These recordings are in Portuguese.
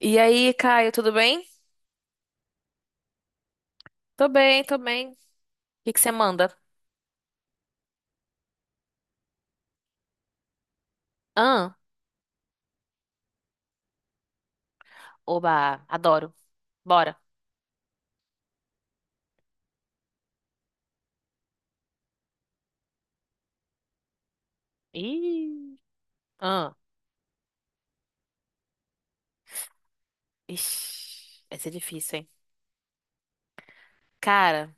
E aí, Caio, tudo bem? Tô bem, tô bem. O que que você manda? Ah, oba, adoro. Bora. Ih, ah, ixi, vai ser difícil, hein? Cara,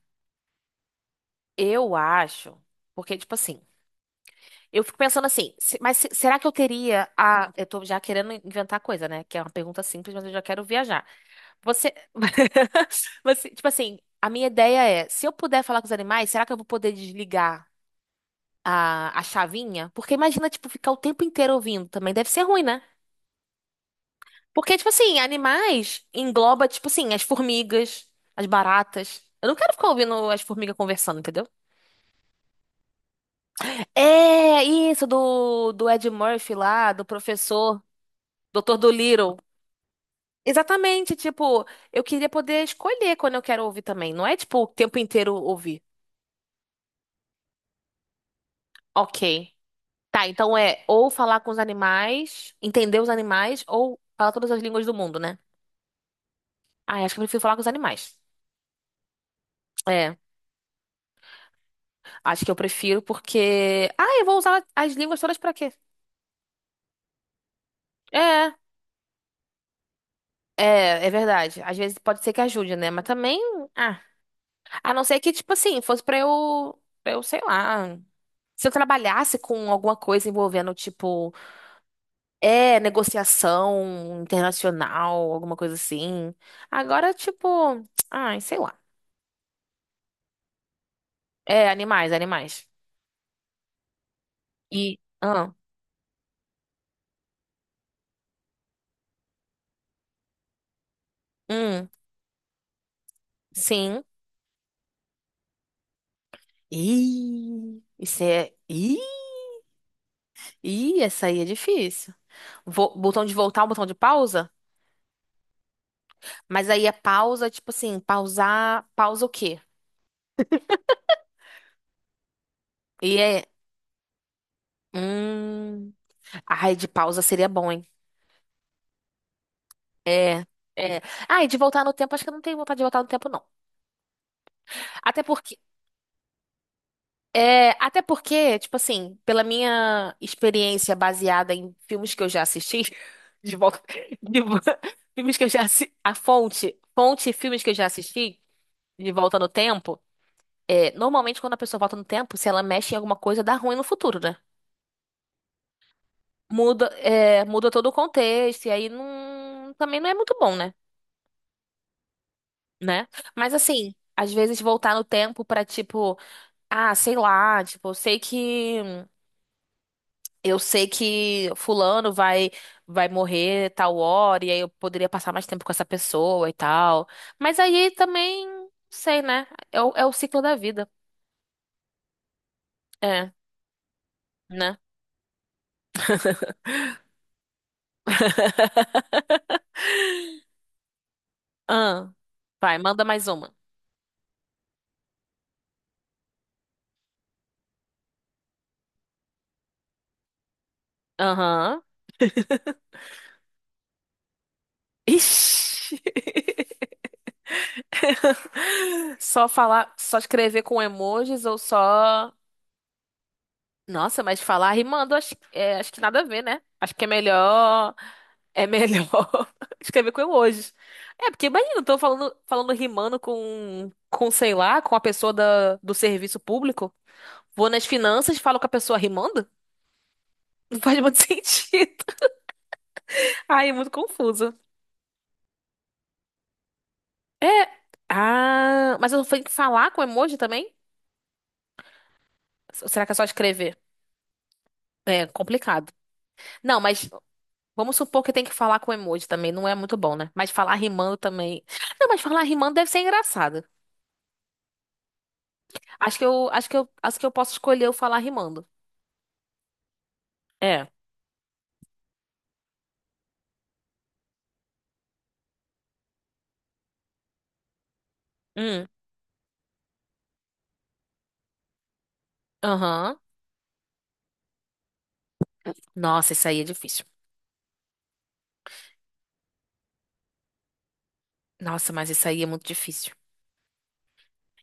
eu acho, porque, tipo assim, eu fico pensando assim, será que eu teria a... Eu tô já querendo inventar coisa, né? Que é uma pergunta simples, mas eu já quero viajar. Você, você, tipo assim, a minha ideia é, se eu puder falar com os animais, será que eu vou poder desligar a chavinha, porque imagina, tipo, ficar o tempo inteiro ouvindo também deve ser ruim, né? Porque, tipo assim, animais engloba, tipo assim, as formigas, as baratas. Eu não quero ficar ouvindo as formigas conversando, entendeu? É, isso, do Ed Murphy lá, do professor, Doutor Dolittle. Exatamente, tipo, eu queria poder escolher quando eu quero ouvir também. Não é, tipo, o tempo inteiro ouvir. Ok. Tá, então é ou falar com os animais, entender os animais, ou falar todas as línguas do mundo, né? Ah, acho que eu prefiro falar com os animais. É, acho que eu prefiro porque. Ah, eu vou usar as línguas todas pra quê? É, é verdade. Às vezes pode ser que ajude, né? Mas também. Ah, a não ser que, tipo assim, fosse pra eu. Pra eu, sei lá. Se eu trabalhasse com alguma coisa envolvendo, tipo, é, negociação internacional, alguma coisa assim. Agora, tipo. Ai, sei lá. É, animais, animais. E. Ah, hum, sim. Ih, isso é. Ih! Ih, essa aí é difícil. Botão de voltar, o botão de pausa? Mas aí é pausa, tipo assim, pausar, pausa o quê? E é. Hum. Ai, de pausa seria bom, hein? É, é. Ai, de voltar no tempo, acho que eu não tenho vontade de voltar no tempo, não. Até porque. É, até porque, tipo assim, pela minha experiência baseada em filmes que eu já assisti, de volta. De vo- filmes que eu já assisti. A fonte, fonte e filmes que eu já assisti, de volta no tempo. É, normalmente, quando a pessoa volta no tempo, se ela mexe em alguma coisa, dá ruim no futuro, né? Muda, é, muda todo o contexto, e aí não, também não é muito bom, né? Né? Mas assim, às vezes voltar no tempo pra tipo, ah, sei lá, tipo, eu sei que fulano vai morrer tal hora, e aí eu poderia passar mais tempo com essa pessoa e tal. Mas aí também, sei, né? É o ciclo da vida. É, né? Ah, vai, manda mais uma. Aham. Ixi. Só falar, só escrever com emojis ou só. Nossa, mas falar rimando, acho, é, acho que nada a ver, né? Acho que é melhor. É melhor escrever com emojis. É, porque imagina, eu tô falando, falando rimando com, sei lá, com a pessoa da, do serviço público. Vou nas finanças, e falo com a pessoa rimando? Não faz muito sentido. Ai, é muito confuso. É. Ah, mas eu tenho que falar com emoji também? Ou será que é só escrever? É complicado. Não, mas vamos supor que tem que falar com emoji também, não é muito bom, né? Mas falar rimando também. Não, mas falar rimando deve ser engraçado. Acho que eu posso escolher o falar rimando. É. Hum. Aham. Nossa, isso aí é difícil. Nossa, mas isso aí é muito difícil.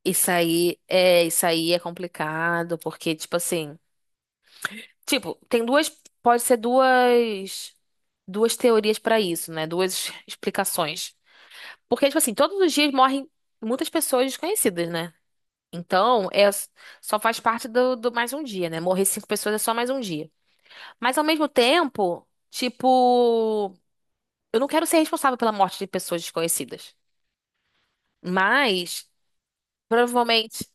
Isso aí é complicado, porque tipo assim, tipo, tem duas, pode ser duas, duas teorias pra isso, né? Duas explicações. Porque tipo assim, todos os dias morrem muitas pessoas desconhecidas, né? Então, é, só faz parte do mais um dia, né? Morrer cinco pessoas é só mais um dia. Mas ao mesmo tempo, tipo, eu não quero ser responsável pela morte de pessoas desconhecidas. Mas, provavelmente.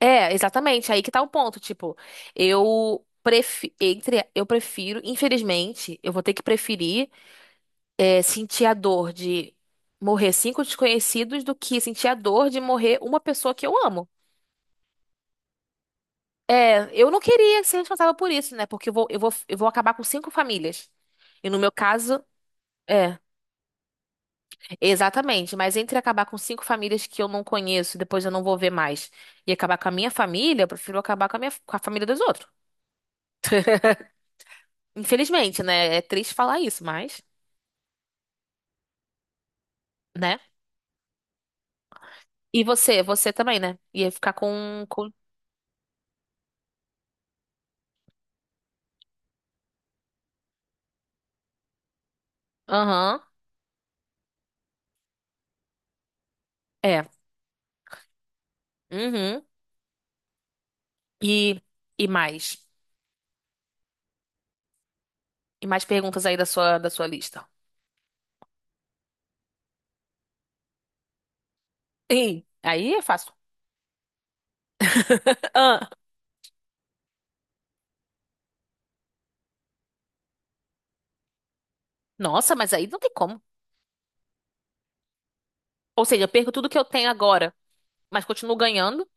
É, exatamente, aí que tá o ponto. Tipo, eu prefiro, infelizmente, eu vou ter que preferir é, sentir a dor de morrer cinco desconhecidos do que sentir a dor de morrer uma pessoa que eu amo. É, eu não queria ser responsável por isso, né? Porque eu vou acabar com cinco famílias. E no meu caso, é, exatamente. Mas entre acabar com cinco famílias que eu não conheço, depois eu não vou ver mais, e acabar com a minha família, eu prefiro acabar com a minha, com a família dos outros. Infelizmente, né? É triste falar isso, mas, né? E você, você também, né? Ia ficar com... Aham, é. Uhum. E, e mais. E mais perguntas aí da sua lista. Ih, aí é fácil. Ah, nossa, mas aí não tem como. Ou seja, eu perco tudo que eu tenho agora, mas continuo ganhando.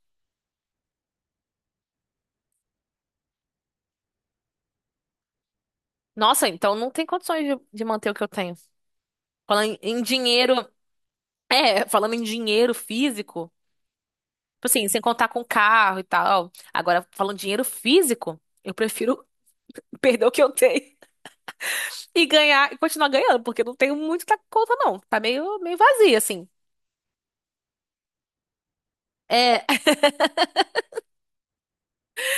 Nossa, então não tem condições de manter o que eu tenho. Falando em dinheiro, é, falando em dinheiro físico, tipo assim, sem contar com carro e tal. Agora, falando em dinheiro físico, eu prefiro perder o que eu tenho e ganhar e continuar ganhando, porque não tenho muito na conta, não. Tá meio, meio vazia, assim. É,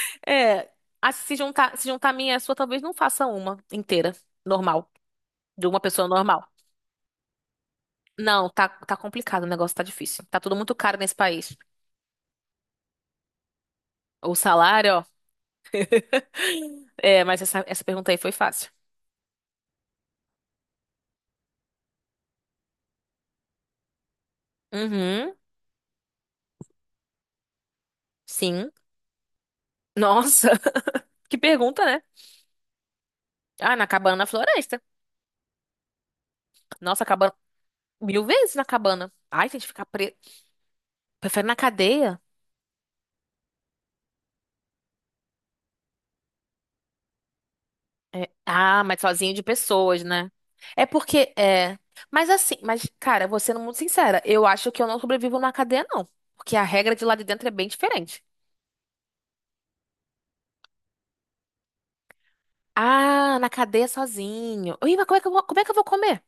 é. Ah, se juntar a minha e a sua, talvez não faça uma inteira, normal, de uma pessoa normal. Não, tá, tá complicado, o negócio tá difícil. Tá tudo muito caro nesse país. O salário, ó. É, mas essa pergunta aí foi fácil. Uhum, sim. Nossa, que pergunta, né? Ah, na cabana na floresta. Nossa, cabana. Mil vezes na cabana. Ai, tem que ficar preso. Prefere na cadeia? Ah, mas sozinho de pessoas, né? É porque, é. Mas assim, mas, cara, vou sendo muito sincera, eu acho que eu não sobrevivo na cadeia, não. Porque a regra de lá de dentro é bem diferente. Ah, na cadeia sozinho. Ih, mas como é que eu vou, como é que eu vou comer?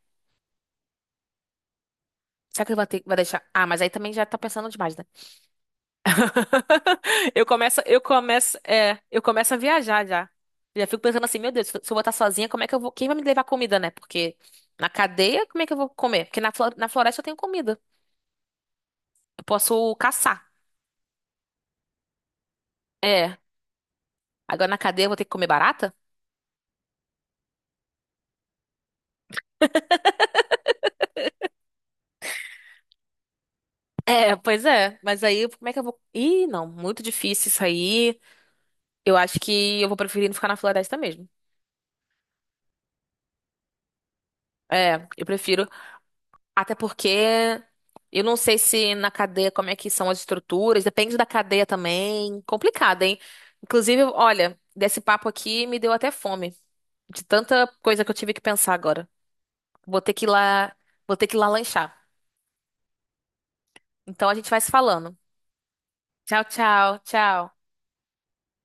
Será que ele vai ter, vai deixar? Ah, mas aí também já tá pensando demais, né? É, eu começo a viajar já. Já fico pensando assim, meu Deus, se eu botar sozinha, como é que eu vou? Quem vai me levar comida, né? Porque na cadeia, como é que eu vou comer? Porque na floresta eu tenho comida. Eu posso caçar. É. Agora na cadeia eu vou ter que comer barata? É, pois é. Mas aí, como é que eu vou? Ih, não, muito difícil isso aí. Eu acho que eu vou preferir não ficar na floresta mesmo. É, eu prefiro. Até porque eu não sei se na cadeia como é que são as estruturas, depende da cadeia também. Complicado, hein? Inclusive, olha, desse papo aqui me deu até fome, de tanta coisa que eu tive que pensar agora. Vou ter que ir lá, Vou ter que ir lá lanchar. Então a gente vai se falando. Tchau, tchau, tchau.